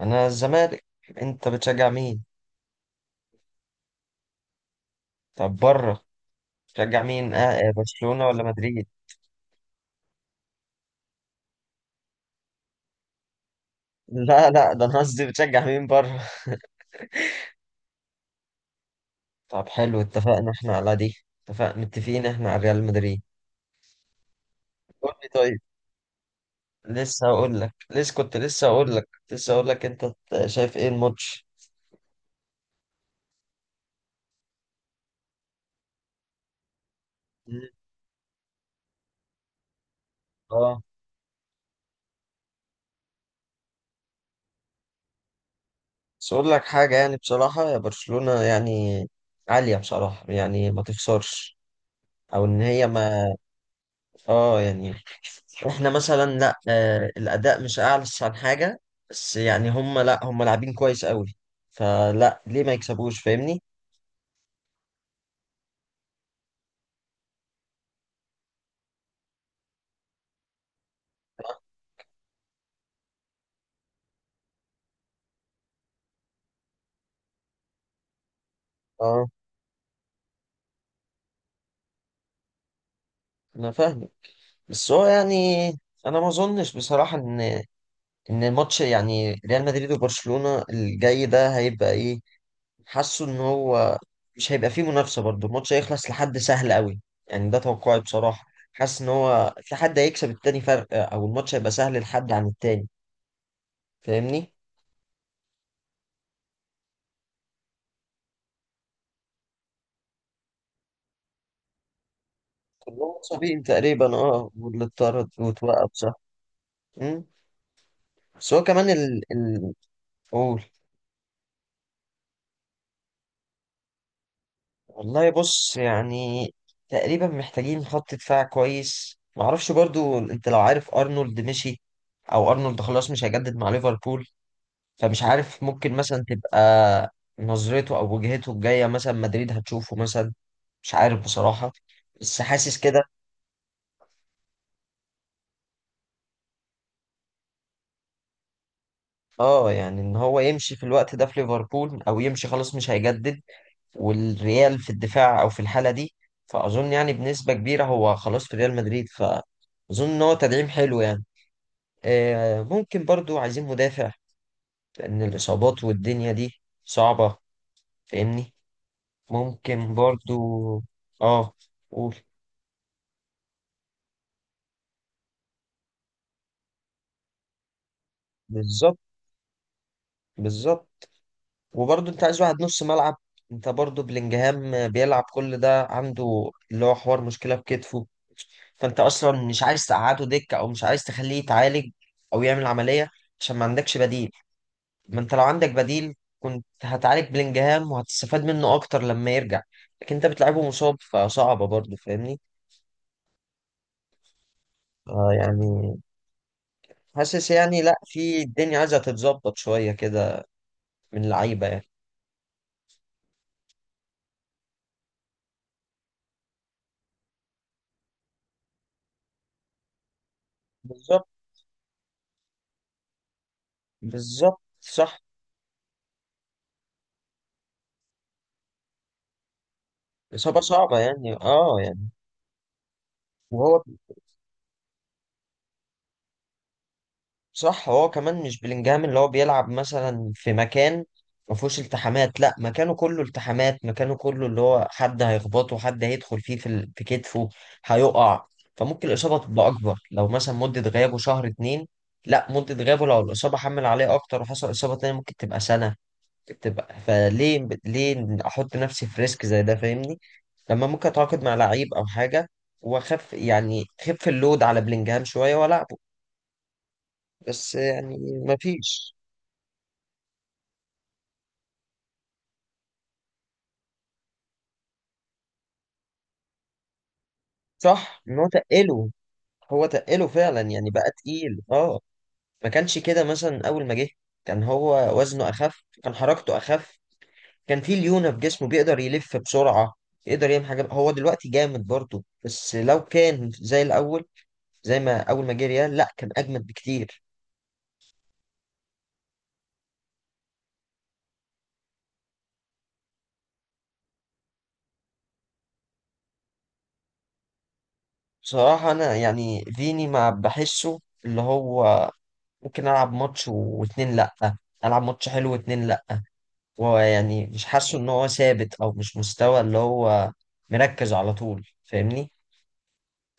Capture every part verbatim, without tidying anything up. انا الزمالك. انت بتشجع مين؟ طب بره، بتشجع مين؟ آه آه، برشلونة ولا مدريد؟ لا، لا، ده انا قصدي بتشجع مين بره. طب حلو، اتفقنا احنا على دي. اتفقنا، متفقين احنا على ريال مدريد. قول لي، طيب. لسه هقول لك لسه كنت لسه هقول لك لسه هقول لك انت، شايف ايه الماتش؟ مم. اه. بس اقول لك حاجة، يعني بصراحة يا برشلونة، يعني عالية بصراحة، يعني ما تخسرش. او ان هي ما اه يعني احنا مثلا، لا، آه الاداء مش اعلى عن حاجه. بس يعني هم، لا، هم لاعبين كويس قوي. فلا ليه ما يكسبوش؟ فاهمني؟ اه، انا فاهم. بس هو يعني، انا ما اظنش بصراحه ان ان الماتش، يعني ريال مدريد وبرشلونه الجاي ده، هيبقى ايه. حاسه ان هو مش هيبقى فيه منافسه برضه، الماتش هيخلص لحد سهل قوي، يعني ده توقعي بصراحه. حاسس ان هو في حد هيكسب التاني فرق، او الماتش هيبقى سهل لحد عن التاني. فاهمني؟ كلهم مصابين تقريبا، اه، واللي اتطرد واتوقف، صح. مم. بس هو كمان ال ال قول. والله بص، يعني تقريبا محتاجين خط دفاع كويس. معرفش برضو، انت لو عارف، ارنولد مشي، او ارنولد خلاص مش هيجدد مع ليفربول. فمش عارف، ممكن مثلا تبقى نظرته او وجهته الجاية مثلا مدريد هتشوفه مثلا، مش عارف بصراحة، بس حاسس كده. اه يعني ان هو يمشي في الوقت ده في ليفربول، او يمشي خلاص مش هيجدد، والريال في الدفاع او في الحاله دي. فاظن يعني بنسبه كبيره هو خلاص في ريال مدريد، فاظن ان هو تدعيم حلو يعني. آه، ممكن برضو عايزين مدافع، لان الاصابات والدنيا دي صعبه. فاهمني؟ ممكن برضو. اه قول. بالظبط، بالظبط. وبرضو انت عايز واحد نص ملعب. انت برضو بلينجهام بيلعب كل ده، عنده اللي هو حوار مشكله بكتفه. فانت اصلا مش عايز تقعده دكه، او مش عايز تخليه يتعالج او يعمل عمليه، عشان ما عندكش بديل. ما انت لو عندك بديل، كنت هتعالج بلينجهام وهتستفاد منه اكتر لما يرجع. لكن انت بتلعبه مصاب، فصعبه برضه. فاهمني؟ آه يعني حاسس يعني، لا، في الدنيا عايزه تتظبط شويه كده من اللعيبه يعني. بالظبط، بالظبط صح. اصابه صعبه يعني، اه يعني وهو صح. هو كمان مش بلينجهام اللي هو بيلعب مثلا في مكان ما فيهوش التحامات، لا مكانه كله التحامات، مكانه كله اللي هو حد هيخبطه، حد هيدخل فيه في ال- في كتفه، هيقع. فممكن الإصابة تبقى أكبر، لو مثلا مدة غيابه شهر اتنين. لا، مدة غيابه لو الإصابة حمل عليه أكتر وحصل إصابة تانية، ممكن تبقى سنة. تبقى فليه ليه أحط نفسي في ريسك زي ده؟ فاهمني؟ لما ممكن أتعاقد مع لعيب أو حاجة وأخف، يعني خف اللود على بلينجهام شوية ولا. بس يعني مفيش. صح، ان هو تقله، هو تقله فعلا، يعني بقى تقيل اه. ما كانش كده مثلا اول ما جه، كان هو وزنه اخف، كان حركته اخف، كان فيه ليونة في جسمه، بيقدر يلف بسرعة، يقدر يعمل حاجة. هو دلوقتي جامد برضه، بس لو كان زي الاول، زي ما اول ما جه ريال، لا كان اجمد بكتير. بصراحة انا يعني فيني ما بحسه اللي هو ممكن العب ماتش واتنين لا، العب ماتش حلو واتنين لا. ويعني مش حاسه ان هو ثابت، او مش مستوى اللي هو مركز على طول. فاهمني؟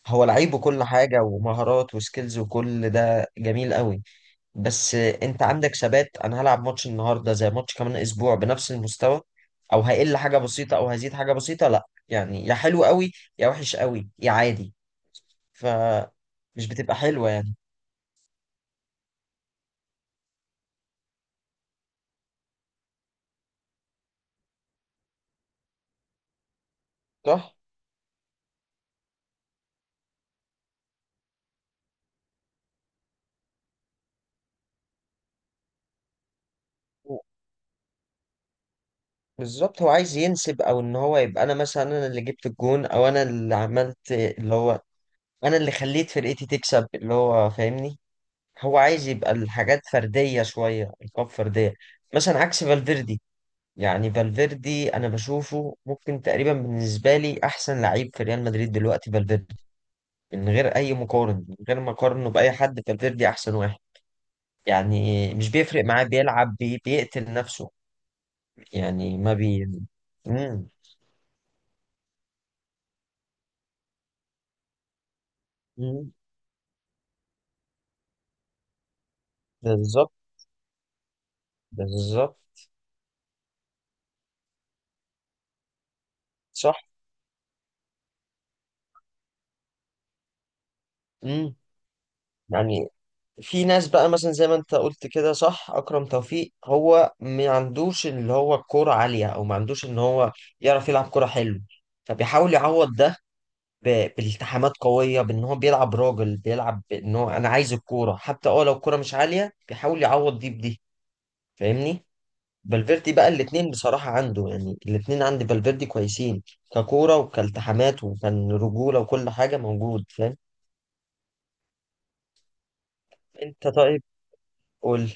هو لعيب وكل حاجة، ومهارات وسكيلز وكل ده جميل قوي، بس انت عندك ثبات. انا هلعب ماتش النهاردة زي ماتش كمان اسبوع بنفس المستوى، او هقل حاجة بسيطة او هزيد حاجة بسيطة، لا يعني، يا حلو قوي يا وحش قوي يا عادي. ف مش بتبقى حلوة يعني. صح. بالظبط. هو عايز ينسب، او ان هو يبقى انا مثلا، انا اللي جبت الجون، او انا اللي عملت اللي هو، انا اللي خليت فرقتي تكسب اللي هو. فاهمني؟ هو عايز يبقى الحاجات فرديه شويه، القاب فرديه. مثلا عكس فالفيردي، يعني فالفيردي انا بشوفه ممكن تقريبا بالنسبه لي احسن لعيب في ريال مدريد دلوقتي فالفيردي. من غير اي مقارن، من غير ما اقارنه باي حد، فالفيردي احسن واحد. يعني مش بيفرق معاه، بيلعب بي بيقتل نفسه. يعني ما بي مم. مم. بالظبط، بالظبط صح. مم. يعني في ناس بقى مثلا زي ما انت قلت كده، صح، اكرم توفيق هو ما عندوش اللي هو الكوره عاليه، او ما عندوش ان هو يعرف يلعب كوره حلو. فبيحاول يعوض ده ب- بالتحامات قويه، بان هو بيلعب راجل، بيلعب ان هو انا عايز الكوره، حتى اه لو الكوره مش عاليه بيحاول يعوض دي بدي. فاهمني؟ فالفيردي بقى الاتنين بصراحه عنده، يعني الاتنين عند فالفيردي كويسين، ككوره وكالتحامات وكان رجوله وكل حاجه موجود. فاهم؟ انت طيب. قول.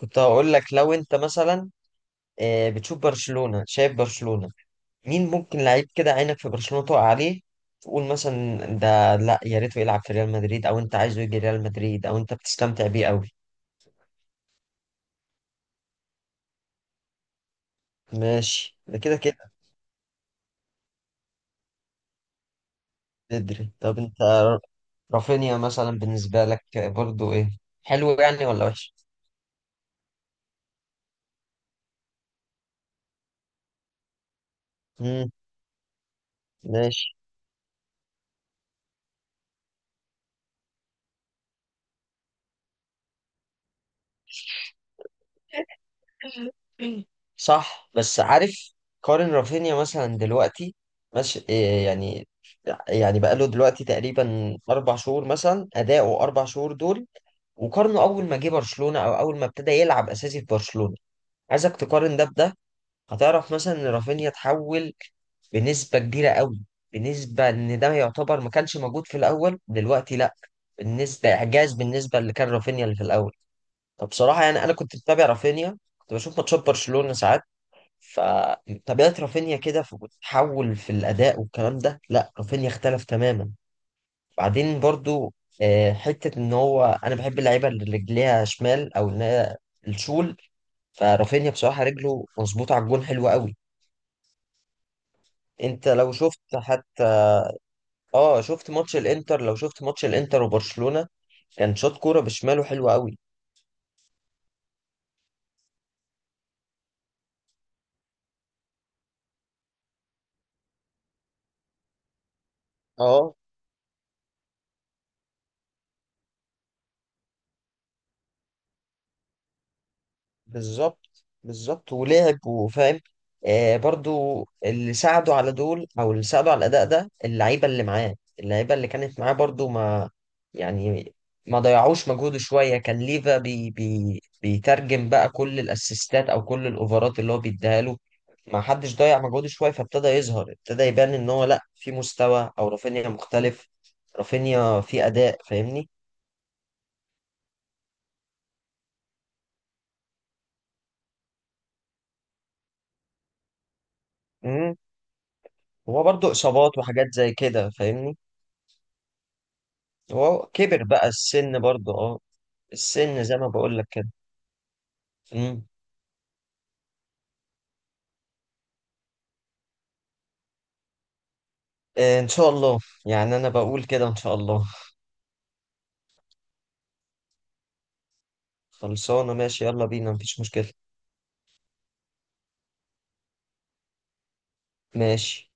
كنت هقول لك لو انت مثلا، آه، بتشوف برشلونة، شايف برشلونة، مين ممكن لعيب كده عينك في برشلونة تقع عليه، تقول مثلا ده لا يا ريته يلعب في ريال مدريد، او انت عايزه يجي ريال مدريد، او انت بتستمتع بيه قوي. ماشي، ده كده كده. بدري طب انت، رافينيا مثلا بالنسبة لك برضو ايه، حلو يعني ولا وحش؟ امم. صح، بس عارف، كارين رافينيا مثلا دلوقتي ماشي إيه يعني. يعني بقاله دلوقتي تقريبا اربع شهور، مثلا اداؤه اربع شهور دول، وقارنه اول ما جه برشلونه او اول ما ابتدى يلعب اساسي في برشلونه، عايزك تقارن ده بده. هتعرف مثلا ان رافينيا اتحول بنسبه كبيره قوي، بالنسبه ان ده يعتبر ما كانش موجود في الاول، دلوقتي لا. بالنسبه اعجاز، بالنسبه اللي كان رافينيا اللي في الاول. فبصراحه يعني انا كنت بتابع رافينيا، كنت بشوف ماتشات برشلونه ساعات، فطبيعة رافينيا كده بتتحول في الأداء والكلام ده. لا رافينيا اختلف تماما. بعدين برضو آه، حتة إن هو أنا بحب اللعيبة اللي رجليها شمال، أو إن هي الشول. فرافينيا بصراحة رجله مظبوطة على الجون حلوة قوي. أنت لو شفت حتى، آه شفت ماتش الإنتر، لو شفت ماتش الإنتر وبرشلونة، كان شاط كورة بشماله حلوة قوي. اه. بالظبط، بالظبط، ولعب وفاهم. آه برضو اللي ساعدوا على دول، او اللي ساعدوا على الاداء ده، اللعيبه اللي معاه. اللعيبه اللي كانت معاه برضو ما يعني ما ضيعوش مجهوده شويه، كان ليفا بي بي بيترجم بقى كل الاسيستات او كل الاوفرات اللي هو بيديها له. ما حدش ضيع مجهوده شويه، فابتدى يظهر، ابتدى يبان ان هو لا في مستوى، او رافينيا مختلف، رافينيا في اداء. فاهمني؟ امم. هو برضو اصابات وحاجات زي كده. فاهمني؟ هو كبر بقى السن برضه، اه. السن زي ما بقول لك كده. مم. آه، ان شاء الله. يعني انا بقول كده ان شاء الله. خلصانه، ماشي، يلا بينا، مفيش مشكله. ماشي.